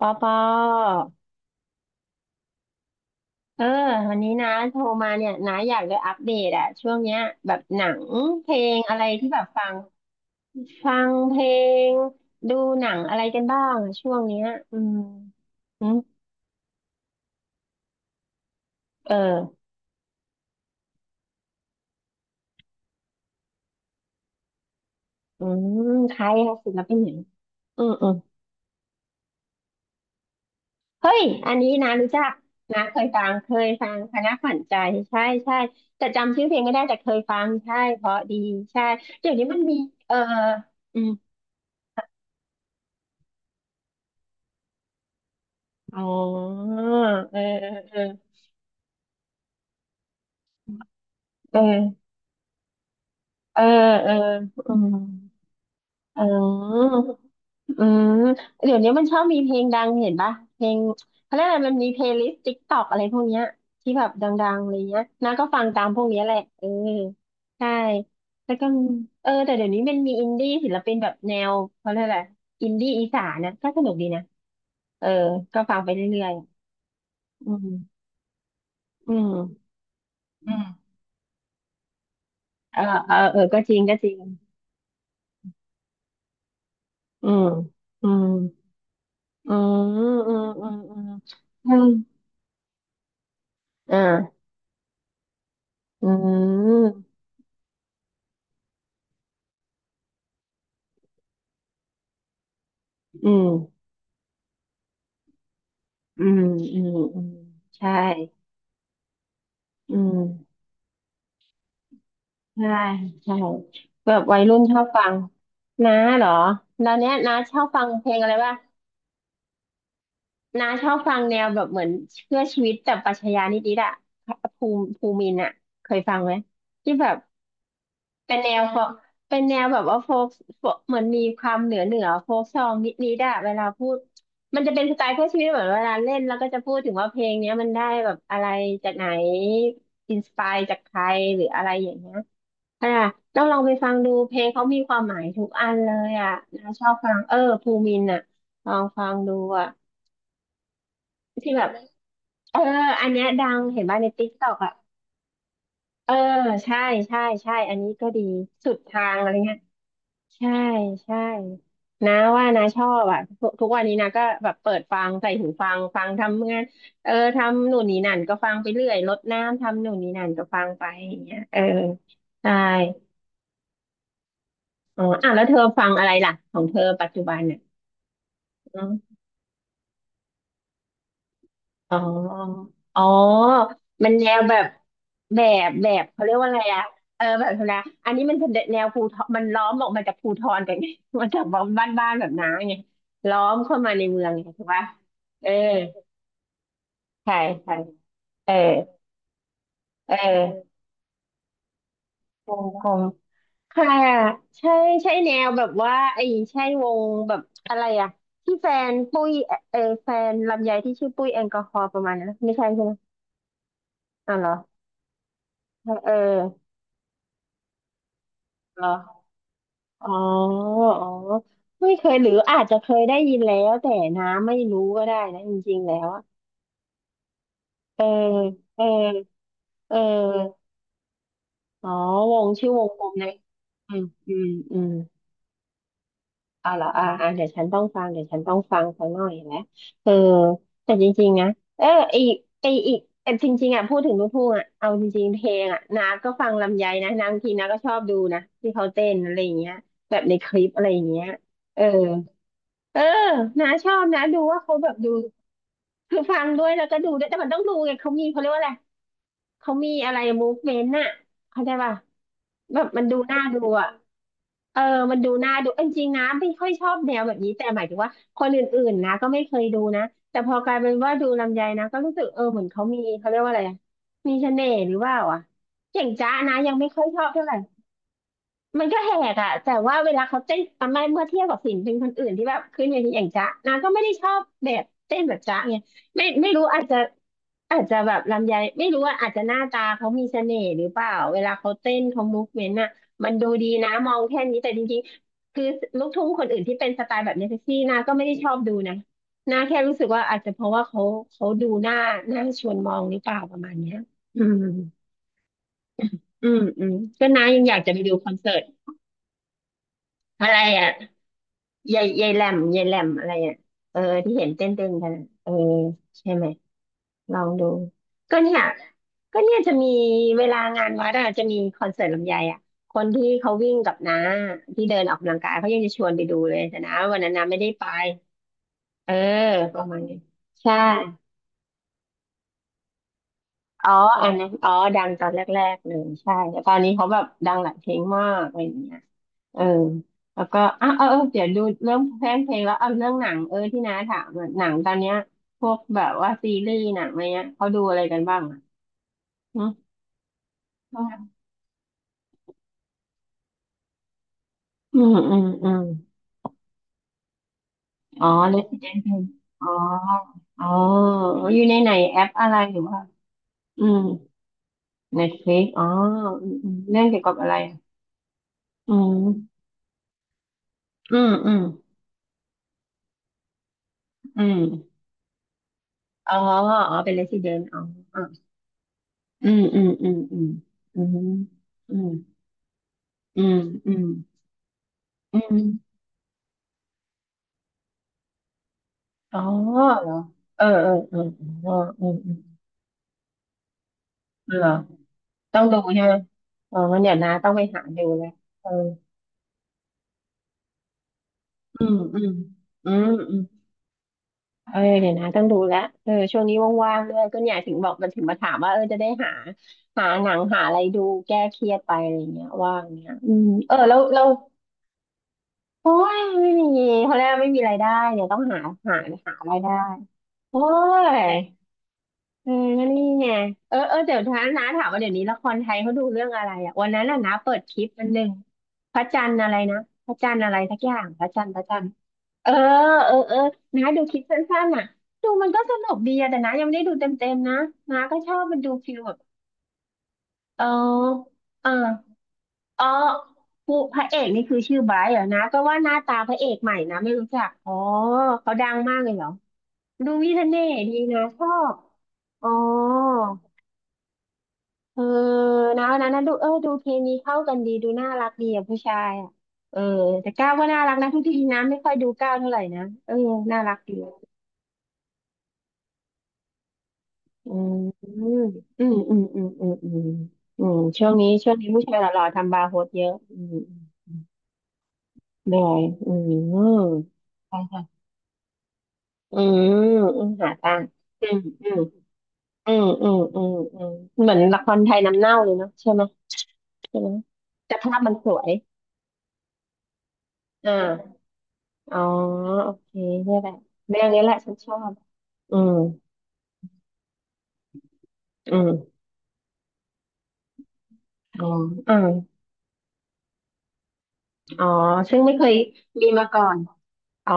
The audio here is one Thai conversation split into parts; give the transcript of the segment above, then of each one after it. ปอปอเออวันนี้นะโทรมาเนี่ยนะอยากจะอัปเดตอะช่วงเนี้ยแบบหนังเพลงอะไรที่แบบฟังเพลงดูหนังอะไรกันบ้างอะช่วงเนี้ยอืมอืมเออใครอะศิลปินไหนอืมอืมเฮ้ยอันนี้นะรู้จักนะเคยฟังคณะขวัญใจใช่ใช่แต่จำชื่อเพลงไม่ได้แต่เคยฟังใช่เพราะดีใช่เดี๋ยวนี้มันมีเอออืมอ๋อเออเออ เออเออเอออืมอืมอืมเดี๋ยวนี้มันชอบมีเพลงดังเห็นปะเพลงเขาเรียกอะไรมันมีเพลย์ลิสต์ติ๊กตอกอะไรพวกเนี้ยที่แบบดังๆอะไรเงี้ยน้าก็ฟังตามพวกเนี้ยแหละเออใช่แล้วก็มีแต่เดี๋ยวนี้มันมีอินดี้ศิลปินแบบแนวเขาเรียกอะไรอินดี้อีสานนะก็สนุกดีนะเออก็ฟังไปเรื่อยๆอืมอืมเออเออก็จริงก็จริงอืมอืม อืมอืมอืมอืมอืมอ่าอืมอืมอืมอืมอืมใช่อืมใช่ใช่แบบวัยรุ่นชอบฟังน้าเหรอตอนเนี้ยน้าชอบฟังเพลงอะไรบ้างน้าชอบฟังแนวแบบเหมือนเพื่อชีวิตแต่ปรัชญานิดๆอะภูมินอะเคยฟังไหมที่แบบ เป็นแนวโฟกเป็นแนวแบบว่าโฟกเหมือนมีความเหนือโฟกซองนิดนิดอะเวลาพูดมันจะเป็นสไตล์เพื่อชีวิตเหมือนเวลาเล่นแล้วก็จะพูดถึงว่าเพลงเนี้ยมันได้แบบอะไรจากไหนอินสปายจากใครหรืออะไรอย่างเงี้ยอ่ะต้องลองไปฟังดูเพลงเขามีความหมายทุกอันเลยอ่ะนะชอบฟังเออภูมินอ่ะลองฟังดูอ่ะที่แบบเอออันเนี้ยดังเห็นบ้างในติ๊กต็อกอ่ะเออใช่ใช่ใช่อันนี้ก็ดีสุดทางอะไรเงี้ย ใช่ใช่นะว่านะชอบอ่ะทุกวันนี้นะก็แบบเปิดฟังใส่หูฟังฟังทำงานเออทำหนูนนี่นั่นก็ฟังไปเรื่อยรดน้ำทำหนูนนี่นั่นก็ฟังไปอย่างเงี้ยเออใช่อ๋ออ่ะแล้วเธอฟังอะไรล่ะของเธอปัจจุบันเนี่ย อ๋ออ๋อมันแนวแบบแบแบบเขาเรียกว่าอะไรอะเออแบบนนนะอันนี้มันจะแนวภูทรมันล้อมออกมาจากภูทรกันไง มันจากบ้านๆแบบน้าไงล้อมเข้ามาในเมืองไงถูกปะเออใช่ใช่เออเออวงกลมค่ะใช่ใช่แนวแบบว่าไอ้ใช่วงแบบอะไรอะที่แฟนปุ้ยเออแฟนลำไยที่ชื่อปุ้ยแอลกอฮอล์ประมาณนั้นนะไม่ใช่ใช่ไหมอ๋อเหรอเออเหรอ อ๋ออ๋อไม่เคยหรืออาจจะเคยได้ยินแล้วแต่น้ำไม่รู้ก็ได้นะจริงๆแล้วอะเออเออเอออ๋อวงชื่อวงกลมนะอืมอืมอืมเอาเหรอเดี๋ยวฉันต้องฟังเดี๋ยวฉันต้องฟังสักหน่อยนะเออแต่จริงๆนะเอออีกไออีกแต่จริงๆอ่ะพูดถึงลูกทุ่งอ่ะเอาจริงๆเพลงอ่ะน้ำก็ฟังลำไยนะน้าบางทีน้ำก็ชอบดูนะที่เขาเต้นอะไรอย่างเงี้ยแบบในคลิปอะไรอย่างเงี้ยเออ เออนาชอบนะดูว่าเขาแบบดูคือฟังด้วยแล้วก็ดูด้วยแต่มันต้องดูไงเขามีเขาเรียกว่าอะไรเขามีอะไรมูฟเมนต์น่ะเข้าใจป่ะแบบมันดูน่าดูอ่ะเออมันดูน่าดูเออจริงๆนะไม่ค่อยชอบแนวแบบนี้แต่หมายถึงว่าคนอื่นๆนะก็ไม่เคยดูนะแต่พอกลายเป็นว่าดูลำไยนะก็รู้สึกเออเหมือนเขามีเขาเรียกว่าอะไรอะมีเสน่ห์หรือว่าอ่ะอย่างจ้านะยังไม่ค่อยชอบเท่าไหร่ มันก็แหกอะแต่ว่าเวลาเขาเต้นทำไมเมื่อเทียบกับศิลปินคนอื่นที่แบบขึ้นเวทีอย่างจ๊ะนางก็ไม่ได้ชอบแบบเต้นแบบจ๊ะไงไม่รู้อาจจะแบบลำไยไม่รู้ว่าอาจจะหน้าตาเขามีเสน่ห์หรือเปล่าเวลาเขาเต้นเขามูฟเมนต์อะมันดูดีนะมองแค่นี้แต่จริงๆคือลูกทุ่งคนอื่นที่เป็นสไตล์แบบเนเซี่นาก็ไม่ได้ชอบดูนะนาแค่รู้สึกว่าอาจจะเพราะว่าเขาเขาดูหน้าชวนมองหรือเปล่าประมาณเนี้ยอืมอืมอืมก็น้ายังอยากจะไปดูคอนเสิร์ตอะไรอ่ะ ยายยายแหลมยายแหลมอะไรอ่ะเออที่เห็นเต้นเต้นกันอะเออใช่ไหมลองดูก็เนี่ยก็เนี่ยจะมีเวลางานวัดอ่ะจะมีคอนเสิร์ตลำไยอ่ะคนที่เขาวิ่งกับน้าที่เดินออกกำลังกายเขายังจะชวนไปดูเลยแต่น้าวันนั้นน้าไม่ได้ไปเออประมาณนี้ใช่อ๋ออันนั้นอ๋อดังตอนแรกๆเลยใช่แต่ตอนนี้เขาแบบดังหลายเพลงมากอะไรอย่างเงี้ย เออแล้วก็อ่ะเออเออเดี๋ยวดูเรื่องเพลงแล้วเอาเรื่องหนังเออที่น้าถามอะหนังตอนเนี้ยพวกแบบว่าซีรีส์หนังอะไรเงี้ยเขาดูอะไรกันบ้างอ่ะอืมอืมอืมอืมอ๋อ Resident Evil อ๋ออ๋ออยู่ในไหนแอปอะไรหรือว่าอืม Netflix อ๋ออืมอืมเรื่องเกี่ยวกับอะไรอะอืมอืมอืมอืมอ๋ออ๋อเป็น Resident อ๋ออ๋ออืมอืมอืมอืมอืมอืมอืมอืมอืม อ๋อเหรอเออเออเออเออเออเออเหรอต้องดูใช่ไหมอ๋อมันเดี๋ยวนะต้องไปหาดูแล้วเอออืมอืมอืมอืมเออเดี๋ยวนะต้องดูแล้วเออช่วงนี้ว่างๆด้วยก็เนี่ยถึงบอกมันถึงมาถามว่าเออจะได้หาหนังหาอะไรดูแก้เครียดไปอะไรเงี้ยว่างเงี้ยอืมเออแล้วเราโอ้ยไม่มีเขาเรียกว่าไม่มีรายได้เนี่ยต้องหาหาหารายได้โอ้ย เออก็นี่ไงเออเออเดี๋ยวท้าน้าถามว่าเดี๋ยวนี้ละครไทยเขาดูเรื่องอะไรอ่ะวันนั้นน่ะน้าเปิดคลิปอันหนึ่งพระจันทร์อะไรนะพระจันทร์อะไรสักอย่างพระจันทร์เออเออเออน้าดูคลิปสั้นๆน่ะดูมันก็สนุกดีอะแต่น้ายังไม่ได้ดูเต็มๆนะน้าก็ชอบมันดูฟิลแบบเออเอออ๋อผู้พระเอกนี่คือชื่อไบรท์เหรอนะก็ว่าหน้าตาพระเอกใหม่นะไม่รู้จักอ๋อเขาดังมากเลยเหรอดูมีเสน่ห์ดีนะชอบอ๋อ เออนะวันนั้นนะดูเออดูเคมีเข้ากันดีดูน่ารักดีอ่ะผู้ชายอ่ะเออแต่ก้าวก็น่ารักนะทุกทีนะไม่ค่อยดูก้าวเท่าไหร่นะเออน่ารักดีอืมอืมอืมอืมอืมอืมอืมช่วงนี้ผู้ชายหล่อๆทำบาร์โฮสเยอะอืมเหนื่อยอืมใช่ค่ะอืมอืมหาตังค์อืมอืมอืมอืมอืมอืมเหมือนละครไทยน้ำเน่าเลยเนาะใช่ไหมแต่ภาพมันสวยอ่า อ๋อโอเคเนี่ยแหละเรื่องนี้แหละฉันชอบอืมอืมอ๋ออ่าอ๋อซึ่งไม่เคยมีมาก่อนอ๋อ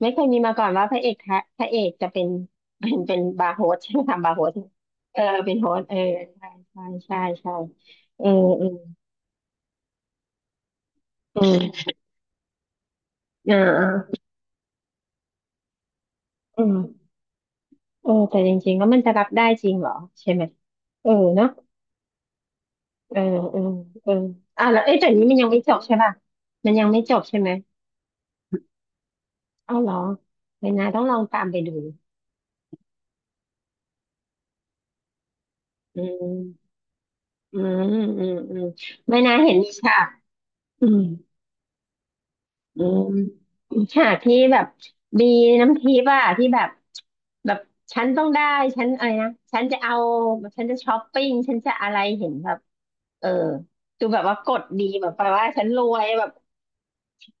ไม่เคยมีมาก่อนว่าพระเอกแท้พระเอกจะเป็น เป็นบาร์โฮสใช่ไหมทำบาร์โฮสเออเป็นโฮสเออใช่ใช่ใช่ใช่เออเอออืมอ่าอ่าอืมเออแต่จริงๆแล้วมันจะรับได้จริงเหรอใช่ไหมเออเนาะเออเออเอออ่าแล้วเอ้ยแต่นี้มันยังไม่จบใช่ป่ะมันยังไม่จบใช่ไหม เอาเหรอไม่นาต้องลองตามไปดูอืมอืมอืมอืมไม่นาเห็นมีฉากอืมอืมมีฉากที่แบบบีน้ำทิพย์อะที่แบบแบบฉันต้องได้ฉันอะไรนะฉันจะเอาฉันจะช้อปปิ้งฉันจะอะไรเห็นแบบเออดูแบบว่ากดดีแบบแปลว่าฉันรวยแบบ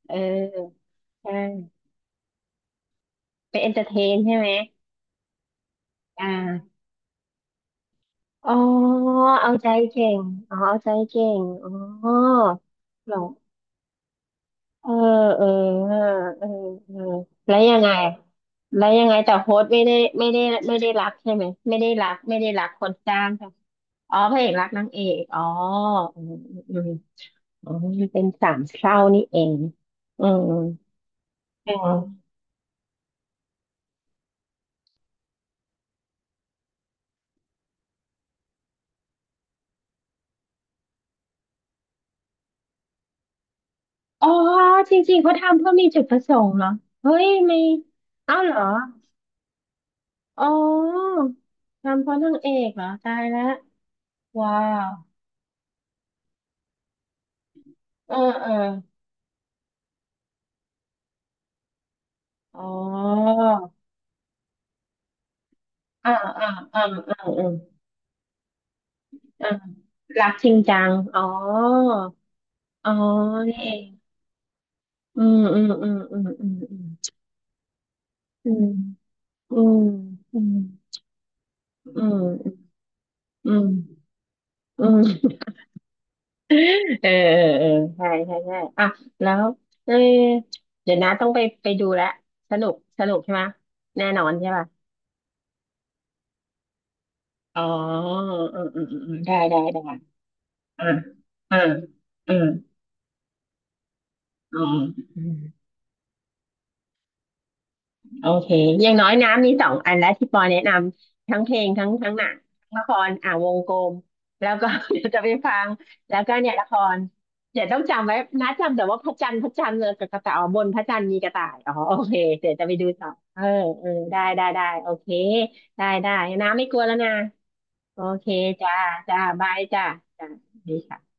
เออใช่ไปเอนเตอร์เทนใช่ไหมอ่าอ๋อเอาใจเก่งอ๋อเอาใจเก่งอ๋อเหรอ เออเออเออเออแล้วยังไงแล้วยังไงแต่โฮสต์ไม่ได้ไม่ได้ไม่ได้รักใช่ไหมไม่ได้รักคนจ้างใช่ไหมอ๋อพระเอกรักนางเอกอ๋ออืมอืมอมอ๋อมันเป็นสามเศร้านี่เองอืมอืมอ๋อจริงๆเขาทำเพื่อมีจุดประสงค์เหรอเฮ้ยไม่เอ้าเหรออ๋อทำเพราะนางเอกเหรอตายแล้วว้าวเออเอออ๋อ อ่าอ่าอ่าอ่าอ่าอ่ารักจริงจังอ๋ออ๋อนี่เองอืมอืมอืมอืมอืมอืมอืมอืมอืมอืมอืมเออเออเออใช่ใช่ใช่อ่ะแล้วเออเดี๋ยวนะต้องไปดูแลสนุกสนุกใช่ไหมแน่นอนใช่ป่ะอ๋ออืมอืมอืมได้ได้ได้อ่าอ่าอืมอ๋อ โอเคอย่างน้อยน้ำมีสองอันแล้วที่ปอแนะนำทั้งเพลงทั้งหนังทั้งละครอ่าวงกลมแล้วก็ เดี๋ยวจะไปฟังแล้วก็เนี่ยละครเดี๋ยวต้องจำไว้นะจำแต่ว่าพระจันทร์เลยกับกระต่ายอ๋อบนพระจันทร์มีกระต่ายอ๋อโอเคเดี๋ยวจะไปดูต่อเออเออได้ได้ได้โอเคได้ได้น้ำไม่กลัวแล้วนะโอเคจ้าจ้าบายจ้าจ้าดีค่ะ